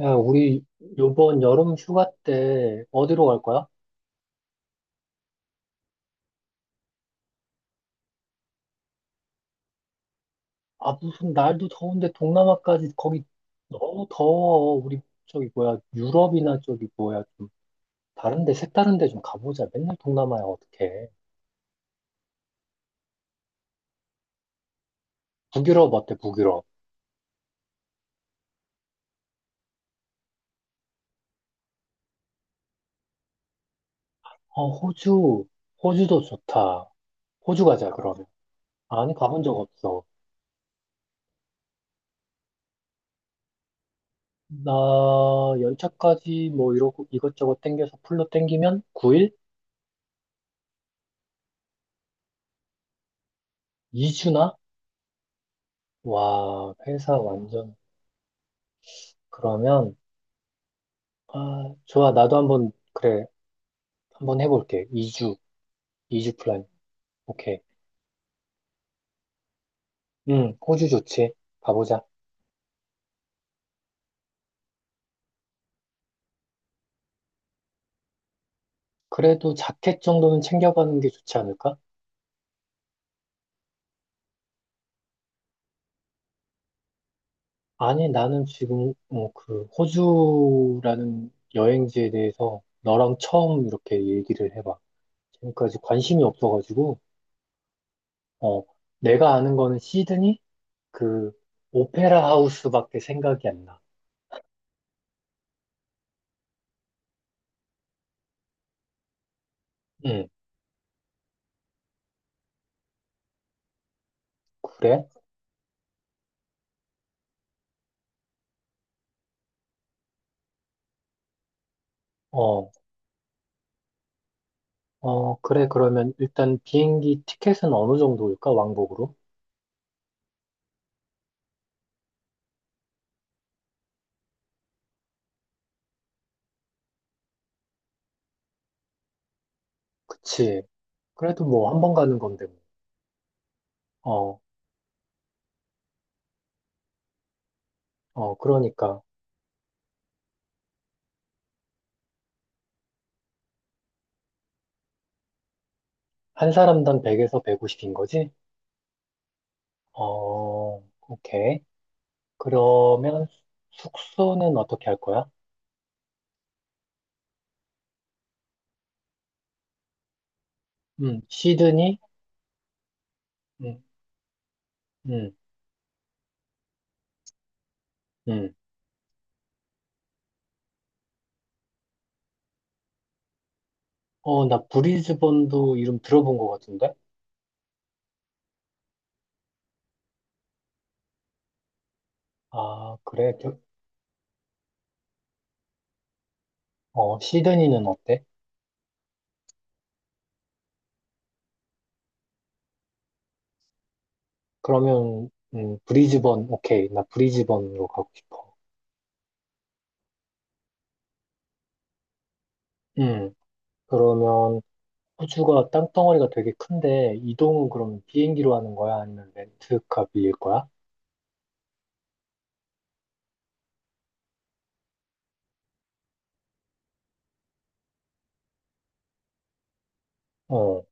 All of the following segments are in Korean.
야, 우리 요번 여름 휴가 때 어디로 갈 거야? 아, 무슨 날도 더운데 동남아까지 거기 너무 더워. 우리 유럽이나 좀 다른 데 색다른 데 좀 가보자. 맨날 동남아야 어떡해. 북유럽 어때, 북유럽? 어, 호주. 호주도 좋다. 호주 가자, 그러면. 아니, 가본 적 없어. 나 연차까지 뭐 이러고 이것저것 땡겨서 풀로 땡기면 9일? 2주나? 와, 회사 완전. 그러면. 아, 좋아. 나도 한번, 그래. 한번 해볼게. 2주, 이주 플랜. 오케이. 응, 호주 좋지. 가보자. 그래도 자켓 정도는 챙겨가는 게 좋지 않을까? 아니, 나는 지금, 호주라는 여행지에 대해서 너랑 처음 이렇게 얘기를 해봐. 지금까지 관심이 없어가지고, 어, 내가 아는 거는 시드니? 그, 오페라 하우스밖에 생각이 안 나. 응, 그래? 어, 그래, 그러면 일단 비행기 티켓은 어느 정도일까? 왕복으로? 그치. 그래도 뭐 한 번 가는 건데, 뭐. 어, 그러니까. 한 사람당 100에서 150인 거지? 어, 오케이. 그러면 숙소는 어떻게 할 거야? 시드니? 음, 음, 음. 어, 나 브리즈번도 이름 들어본 것 같은데? 아, 그래. 어, 시드니는 어때? 그러면, 브리즈번, 오케이. 나 브리즈번으로 가고 싶어. 음. 그러면 호주가 땅덩어리가 되게 큰데 이동은 그러면 비행기로 하는 거야? 아니면 렌트카 비일 거야? 어,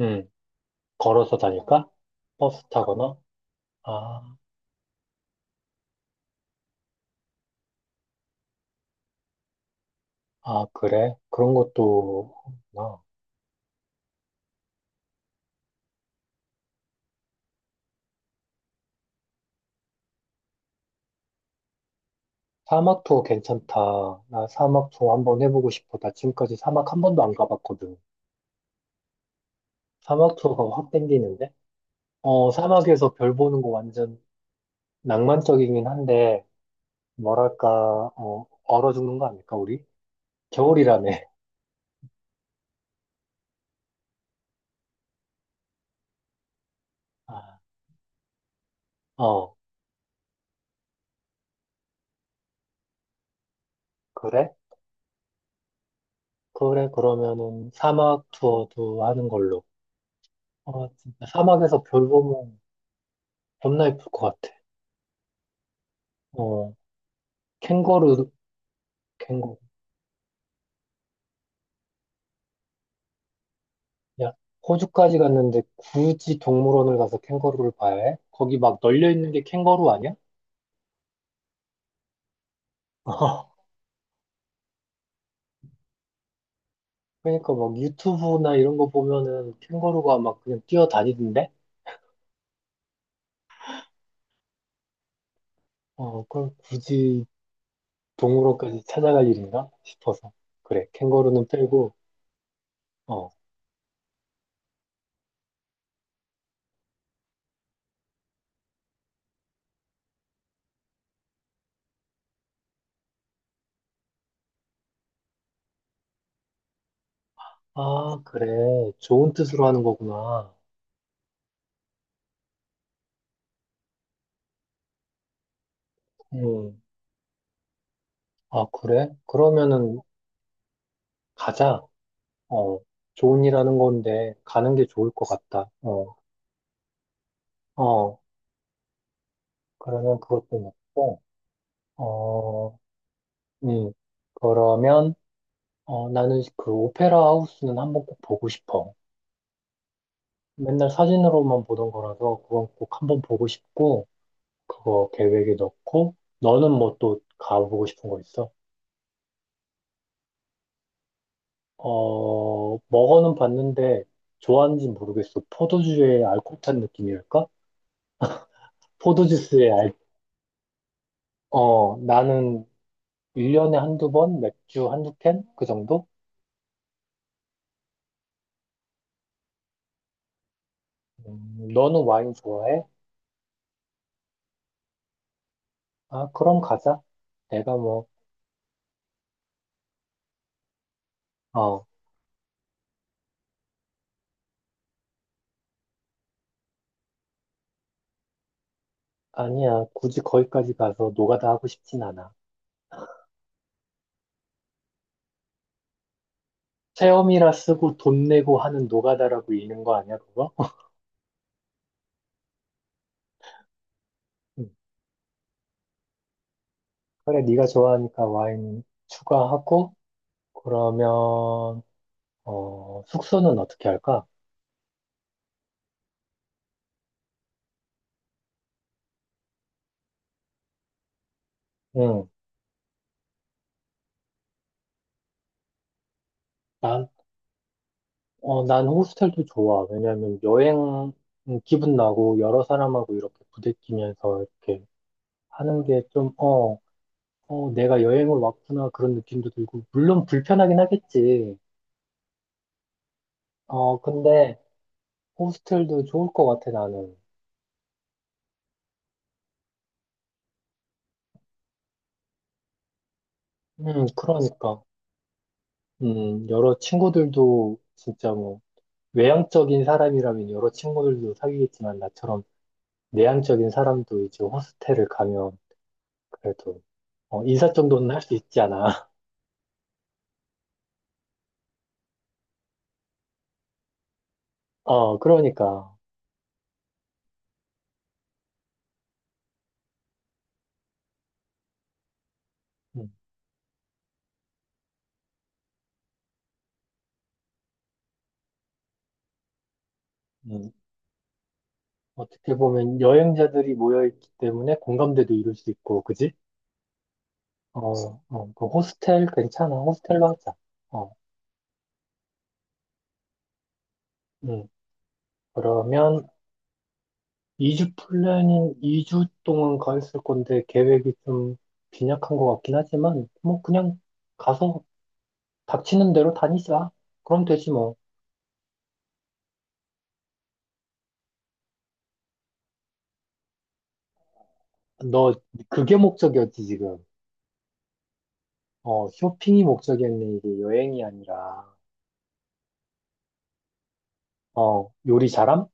응 걸어서 다닐까? 버스 타거나? 아, 아, 그래? 그런 것도 나 사막 투어 괜찮다. 나 사막 투어 한번 해보고 싶어. 나 지금까지 사막 한 번도 안 가봤거든. 사막 투어가 확 땡기는데? 어, 사막에서 별 보는 거 완전 낭만적이긴 한데, 뭐랄까, 얼어 죽는 거 아닐까, 우리? 겨울이라며. 아, 어, 그래? 그래, 그러면은 사막 투어도 하는 걸로. 아, 진짜 사막에서 별 보면 겁나 예쁠 것 같아. 어, 캥거루, 캥거루. 야, 호주까지 갔는데 굳이 동물원을 가서 캥거루를 봐야 해? 거기 막 널려 있는 게 캥거루 아니야? 그러니까 막 유튜브나 이런 거 보면은 캥거루가 막 그냥 뛰어다니던데? 어, 그럼 굳이 동물원까지 찾아갈 일인가? 싶어서. 그래, 캥거루는 빼고, 어. 아, 그래. 좋은 뜻으로 하는 거구나. 음. 아, 그래? 그러면은 가자. 어, 좋은 일 하는 건데 가는 게 좋을 것 같다. 어, 그러면 그것도 먹고, 어, 음, 그러면 나는 그 오페라 하우스는 한번 꼭 보고 싶어. 맨날 사진으로만 보던 거라서 그건 꼭 한번 보고 싶고, 그거 계획에 넣고, 너는 뭐 또 가보고 싶은 거 있어? 어, 먹어는 봤는데 좋아하는지 모르겠어. 포도주의 알코올 탄 느낌이랄까? 포도주스의 어, 나는 1년에 한두 번, 맥주 한두 캔? 그 정도? 너는 와인 좋아해? 아, 그럼 가자. 내가 뭐, 어, 아니야. 굳이 거기까지 가서 노가다 하고 싶진 않아. 체험이라 쓰고 돈 내고 하는 노가다라고 읽는 거 아니야, 그거? 음, 그래, 네가 좋아하니까 와인 추가하고, 그러면, 숙소는 어떻게 할까? 응, 어, 난 호스텔도 좋아. 왜냐면 여행 기분 나고 여러 사람하고 이렇게 부대끼면서 이렇게 하는 게 좀, 내가 여행을 왔구나 그런 느낌도 들고, 물론 불편하긴 하겠지. 어, 근데 호스텔도 좋을 것 같아, 나는. 그러니까. 여러 친구들도 진짜 뭐, 외향적인 사람이라면 여러 친구들도 사귀겠지만, 나처럼 내향적인 사람도 이제 호스텔을 가면 그래도, 인사 정도는 할 수 있지 않아. 어, 그러니까. 음, 음. 어떻게 보면 여행자들이 모여있기 때문에 공감대도 이룰 수 있고, 그지? 어, 그 호스텔 괜찮아. 호스텔로 하자. 어, 음. 그러면 2주 플랜인 2주 동안 가 있을 건데 계획이 좀 빈약한 것 같긴 하지만, 뭐 그냥 가서 닥치는 대로 다니자. 그럼 되지 뭐. 너 그게 목적이었지, 지금. 어, 쇼핑이 목적이었네. 이게 여행이 아니라. 어, 요리 잘함?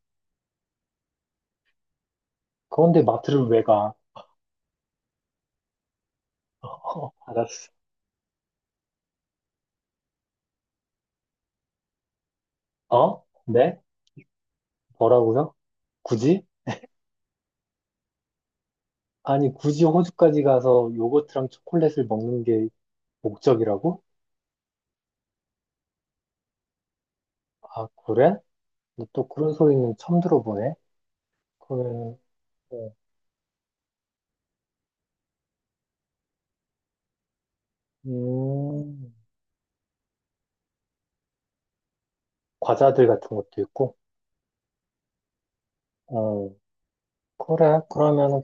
그런데 마트를 왜 가? 어, 알았어. 어? 네? 뭐라고요? 굳이? 아니, 굳이 호주까지 가서 요거트랑 초콜릿을 먹는 게 목적이라고? 아, 그래? 근데 또 그런 소리는 처음 들어보네. 그러면, 어, 음, 과자들 같은 것도 있고, 어, 그래. 그러면,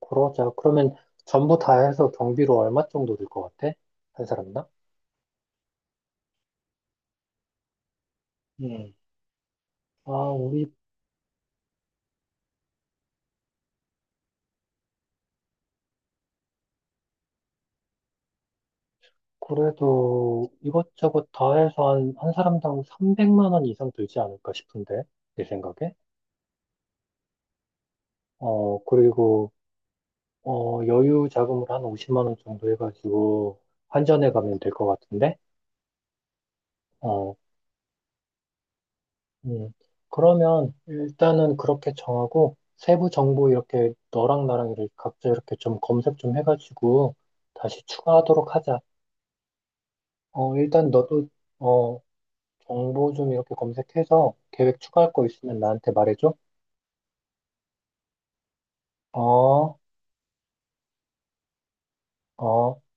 그러자. 그러면 전부 다 해서 경비로 얼마 정도 들 것 같아? 한 사람당? 음. 아, 우리 그래도 이것저것 다 해서 한 사람당 300만 원 이상 들지 않을까 싶은데, 내 생각에. 어, 그리고, 여유 자금을 한 50만 원 정도 해가지고 환전해 가면 될 것 같은데, 어, 음. 그러면 일단은 그렇게 정하고, 세부 정보 이렇게 너랑 나랑 이렇게 각자 이렇게 좀 검색 좀 해가지고 다시 추가하도록 하자. 어, 일단 너도, 어, 정보 좀 이렇게 검색해서 계획 추가할 거 있으면 나한테 말해줘. 어. 어,